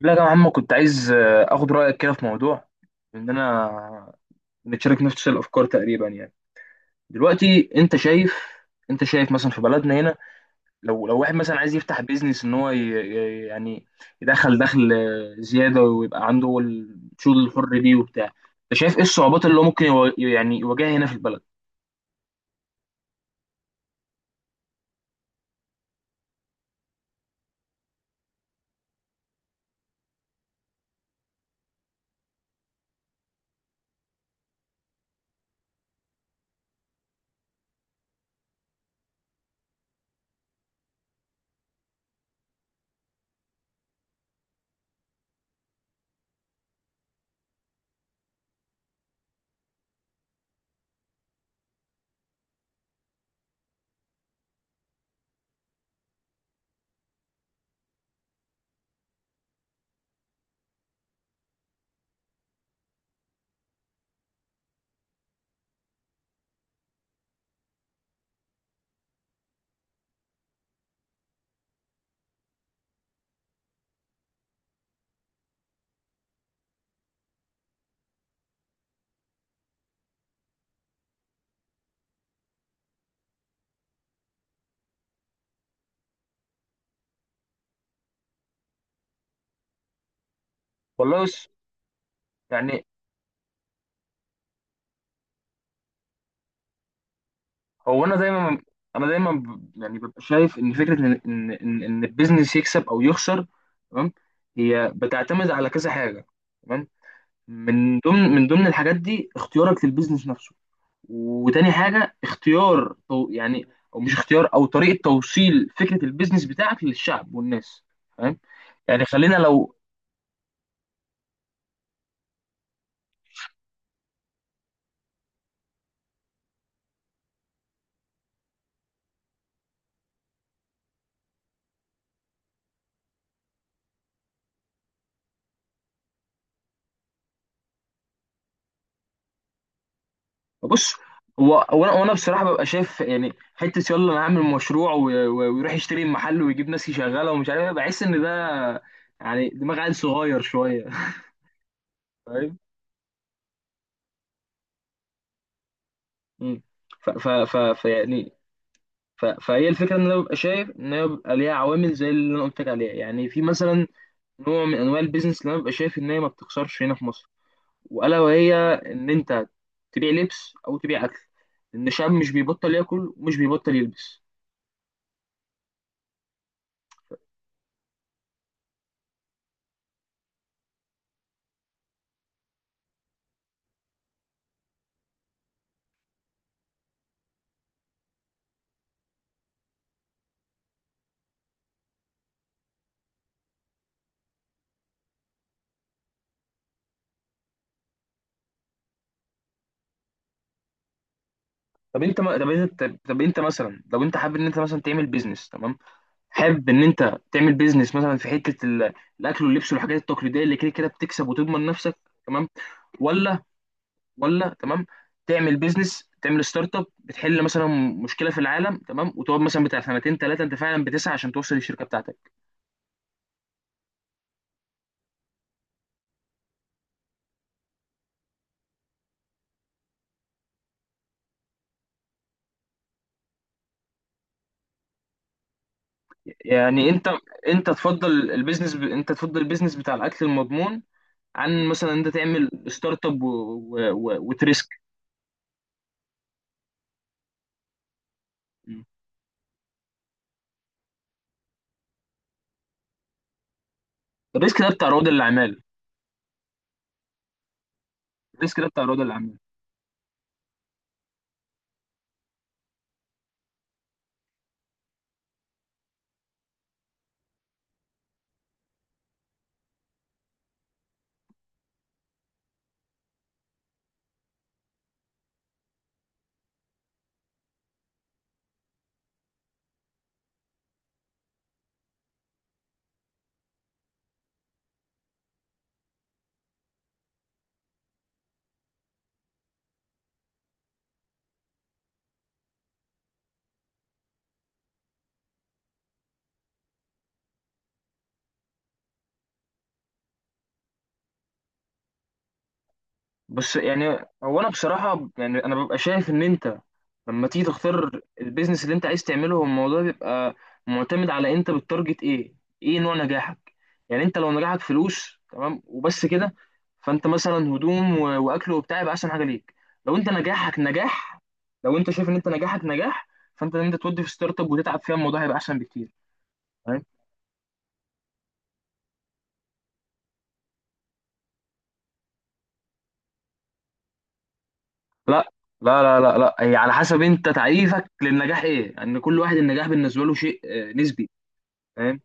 لا يا عم، كنت عايز اخد رايك كده في موضوع ان انا بنتشارك نفس الافكار تقريبا يعني. دلوقتي انت شايف مثلا في بلدنا هنا، لو واحد مثلا عايز يفتح بيزنس ان هو دخل زياده ويبقى عنده الشغل الحر دي وبتاع. انت شايف ايه الصعوبات اللي هو ممكن يواجهها هنا في البلد؟ والله بص. يعني هو انا دايما ببقى شايف ان فكره ان ان ان إن البيزنس يكسب او يخسر، تمام، هي بتعتمد على كذا حاجه. تمام. من ضمن الحاجات دي اختيارك للبيزنس نفسه، وتاني حاجه اختيار تو يعني، او مش اختيار، او طريقه توصيل فكره البيزنس بتاعك للشعب والناس. تمام. يعني خلينا لو بص. هو وانا بصراحه ببقى شايف يعني حته يلا انا اعمل مشروع ويروح يشتري محل ويجيب ناس يشغلها ومش عارف إيه، بحس ان ده يعني دماغ عيل صغير شويه فاهم؟ مم. ف ف ف ف يعني ف فهي الفكره ان انا ببقى شايف ان هي بيبقى ليها عوامل زي اللي انا قلت لك عليها. يعني في مثلا نوع من انواع البيزنس اللي انا ببقى شايف ان هي ما بتخسرش هنا في مصر، والا وهي ان انت تبيع لبس او تبيع اكل، ان الشعب مش بيبطل ياكل ومش بيبطل يلبس. طب انت ما... طب انت طب انت مثلا لو انت حابب ان انت مثلا تعمل بيزنس، تمام، حابب ان انت تعمل بيزنس مثلا في حته الاكل واللبس والحاجات التقليديه اللي كده كده بتكسب وتضمن نفسك، تمام، ولا تمام تعمل بيزنس، تعمل ستارت اب بتحل مثلا مشكله في العالم، تمام، وتقعد مثلا بتاع سنتين ثلاثه انت فعلا بتسعى عشان توصل للشركه بتاعتك؟ يعني انت انت تفضل البيزنس بتاع الاكل المضمون عن مثلا انت تعمل ستارت اب وتريسك؟ الريسك ده بتاع رواد الاعمال، الريسك ده بتاع الرياضه اللي عامله. بس يعني هو انا بصراحه يعني انا ببقى شايف ان انت لما تيجي تختار البيزنس اللي انت عايز تعمله، هو الموضوع بيبقى معتمد على انت بتتارجت ايه، ايه نوع نجاحك. يعني انت لو نجاحك فلوس، تمام وبس كده، فانت مثلا هدوم واكل وبتاع يبقى احسن حاجه ليك. لو انت نجاحك نجاح لو انت شايف ان انت نجاحك نجاح، فانت ان انت تودي في ستارت اب وتتعب فيها، الموضوع هيبقى احسن بكتير. لا لا لا لا لا، هي على حسب انت تعريفك للنجاح ايه، ان كل واحد النجاح بالنسبه له شيء نسبي. فاهم؟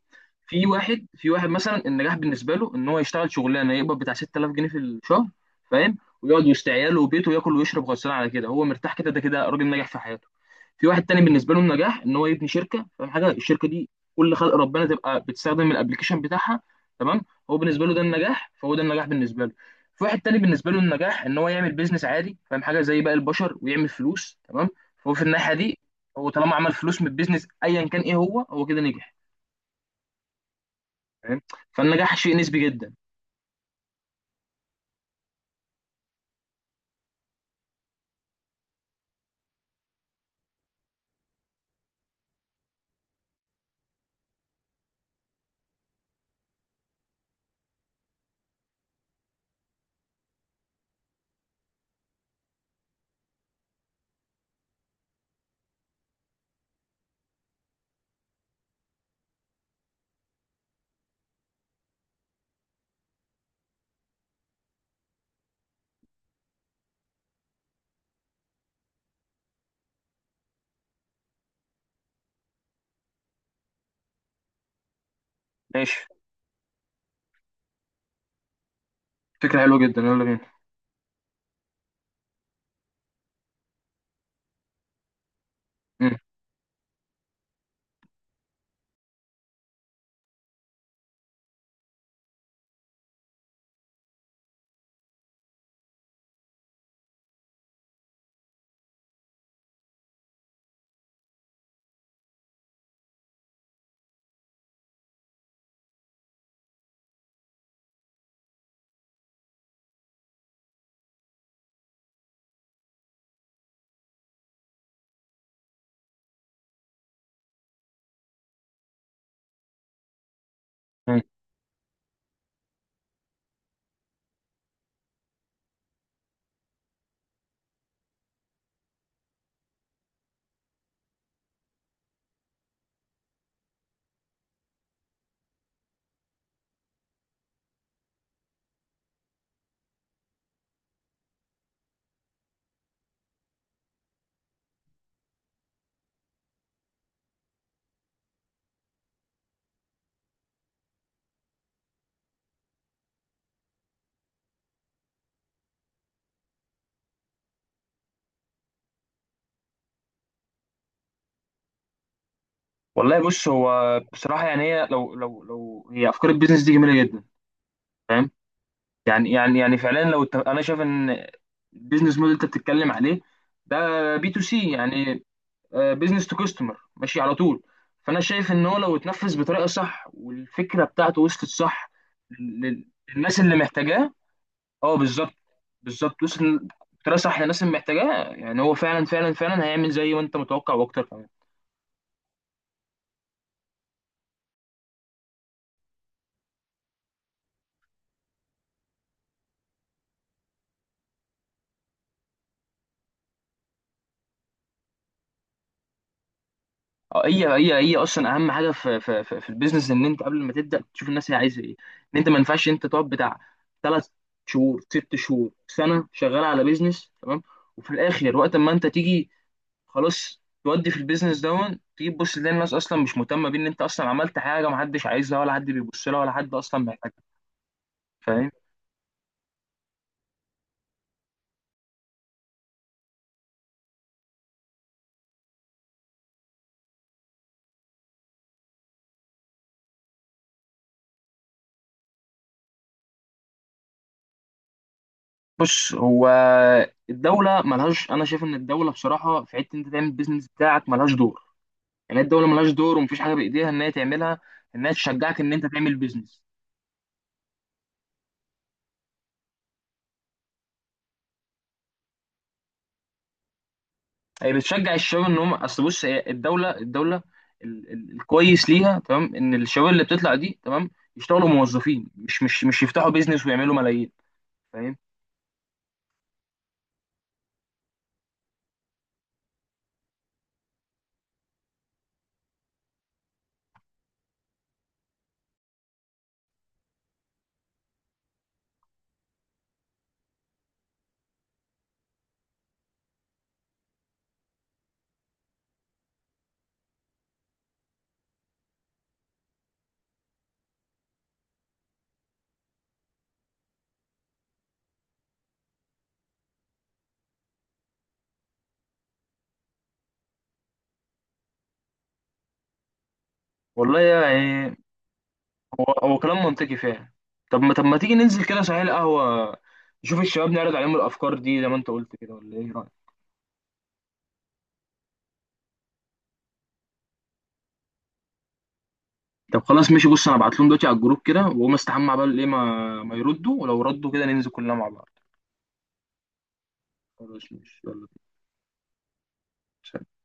في واحد مثلا النجاح بالنسبه له ان هو يشتغل شغلانه يقبض بتاع 6000 جنيه في الشهر. فاهم؟ ويقعد يشتري عياله وبيته وياكل ويشرب غصب على كده، هو مرتاح كده، ده كده راجل ناجح في حياته. في واحد تاني بالنسبه له النجاح ان هو يبني شركه، فاهم حاجه؟ الشركه دي كل خلق ربنا تبقى بتستخدم الابلكيشن بتاعها، تمام. هو بالنسبه له ده النجاح، فهو ده النجاح بالنسبه له. في واحد تاني بالنسبه له النجاح ان هو يعمل بيزنس عادي، فاهم حاجه؟ زي باقي البشر ويعمل فلوس، تمام. فهو في الناحيه دي هو طالما عمل فلوس من البيزنس ايا كان ايه، هو كده نجح. فاهم؟ فالنجاح شيء نسبي جدا. ماشي، فكره حلوه جدا، يلا بينا. مم. مم. والله بص. هو بصراحه يعني هي لو هي افكار البيزنس دي جميله جدا. فاهم؟ يعني فعلا، لو انا شايف ان البيزنس موديل انت بتتكلم عليه ده B2C يعني، بيزنس تو كاستمر، ماشي على طول. فانا شايف ان هو لو اتنفذ بطريقه صح والفكره بتاعته وصلت صح لل- للناس اللي محتاجاه. اه، بالظبط. بالظبط، وصل بطريقه صح للناس اللي محتاجاه، يعني هو فعلا فعلا فعلا هيعمل زي ما انت متوقع واكتر كمان. اه هي اصلا اهم حاجه في البيزنس، ان انت قبل ما تبدا تشوف الناس هي عايزه ايه، ان انت ما ينفعش انت تقعد بتاع 3 شهور، 6 شهور، سنه، شغال على بيزنس، تمام، وفي الاخر وقت ما انت تيجي خلاص تودي في البيزنس دون تيجي تبص تلاقي الناس اصلا مش مهتمه بيه، ان انت اصلا عملت حاجه ما حدش عايزها ولا حد بيبص لها ولا حد اصلا محتاجها. فاهم؟ بص، هو الدوله ملهاش انا شايف ان الدوله بصراحه في حته انت تعمل البيزنس بتاعك ملهاش دور. يعني الدوله ملهاش دور ومفيش حاجه بايديها ان هي تعملها، انها تشجعك ان انت تعمل بيزنس. هي بتشجع الشباب ان هم اصل بص، هي الدوله الكويس ليها تمام ان الشباب اللي بتطلع دي تمام يشتغلوا موظفين، مش يفتحوا بيزنس ويعملوا ملايين. فاهم؟ والله يعني هو كلام منطقي فعلا. طب ما تيجي ننزل كده صحيح القهوه، نشوف الشباب نعرض عليهم الافكار دي زي ما انت قلت كده، ولا ايه رايك؟ طب خلاص ماشي، بص انا ابعت لهم دلوقتي على الجروب كده واقوم استحمى عبال ايه ما يردوا، ولو ردوا كده ننزل كلنا مع بعض. خلاص ماشي، يلا بينا. سلام.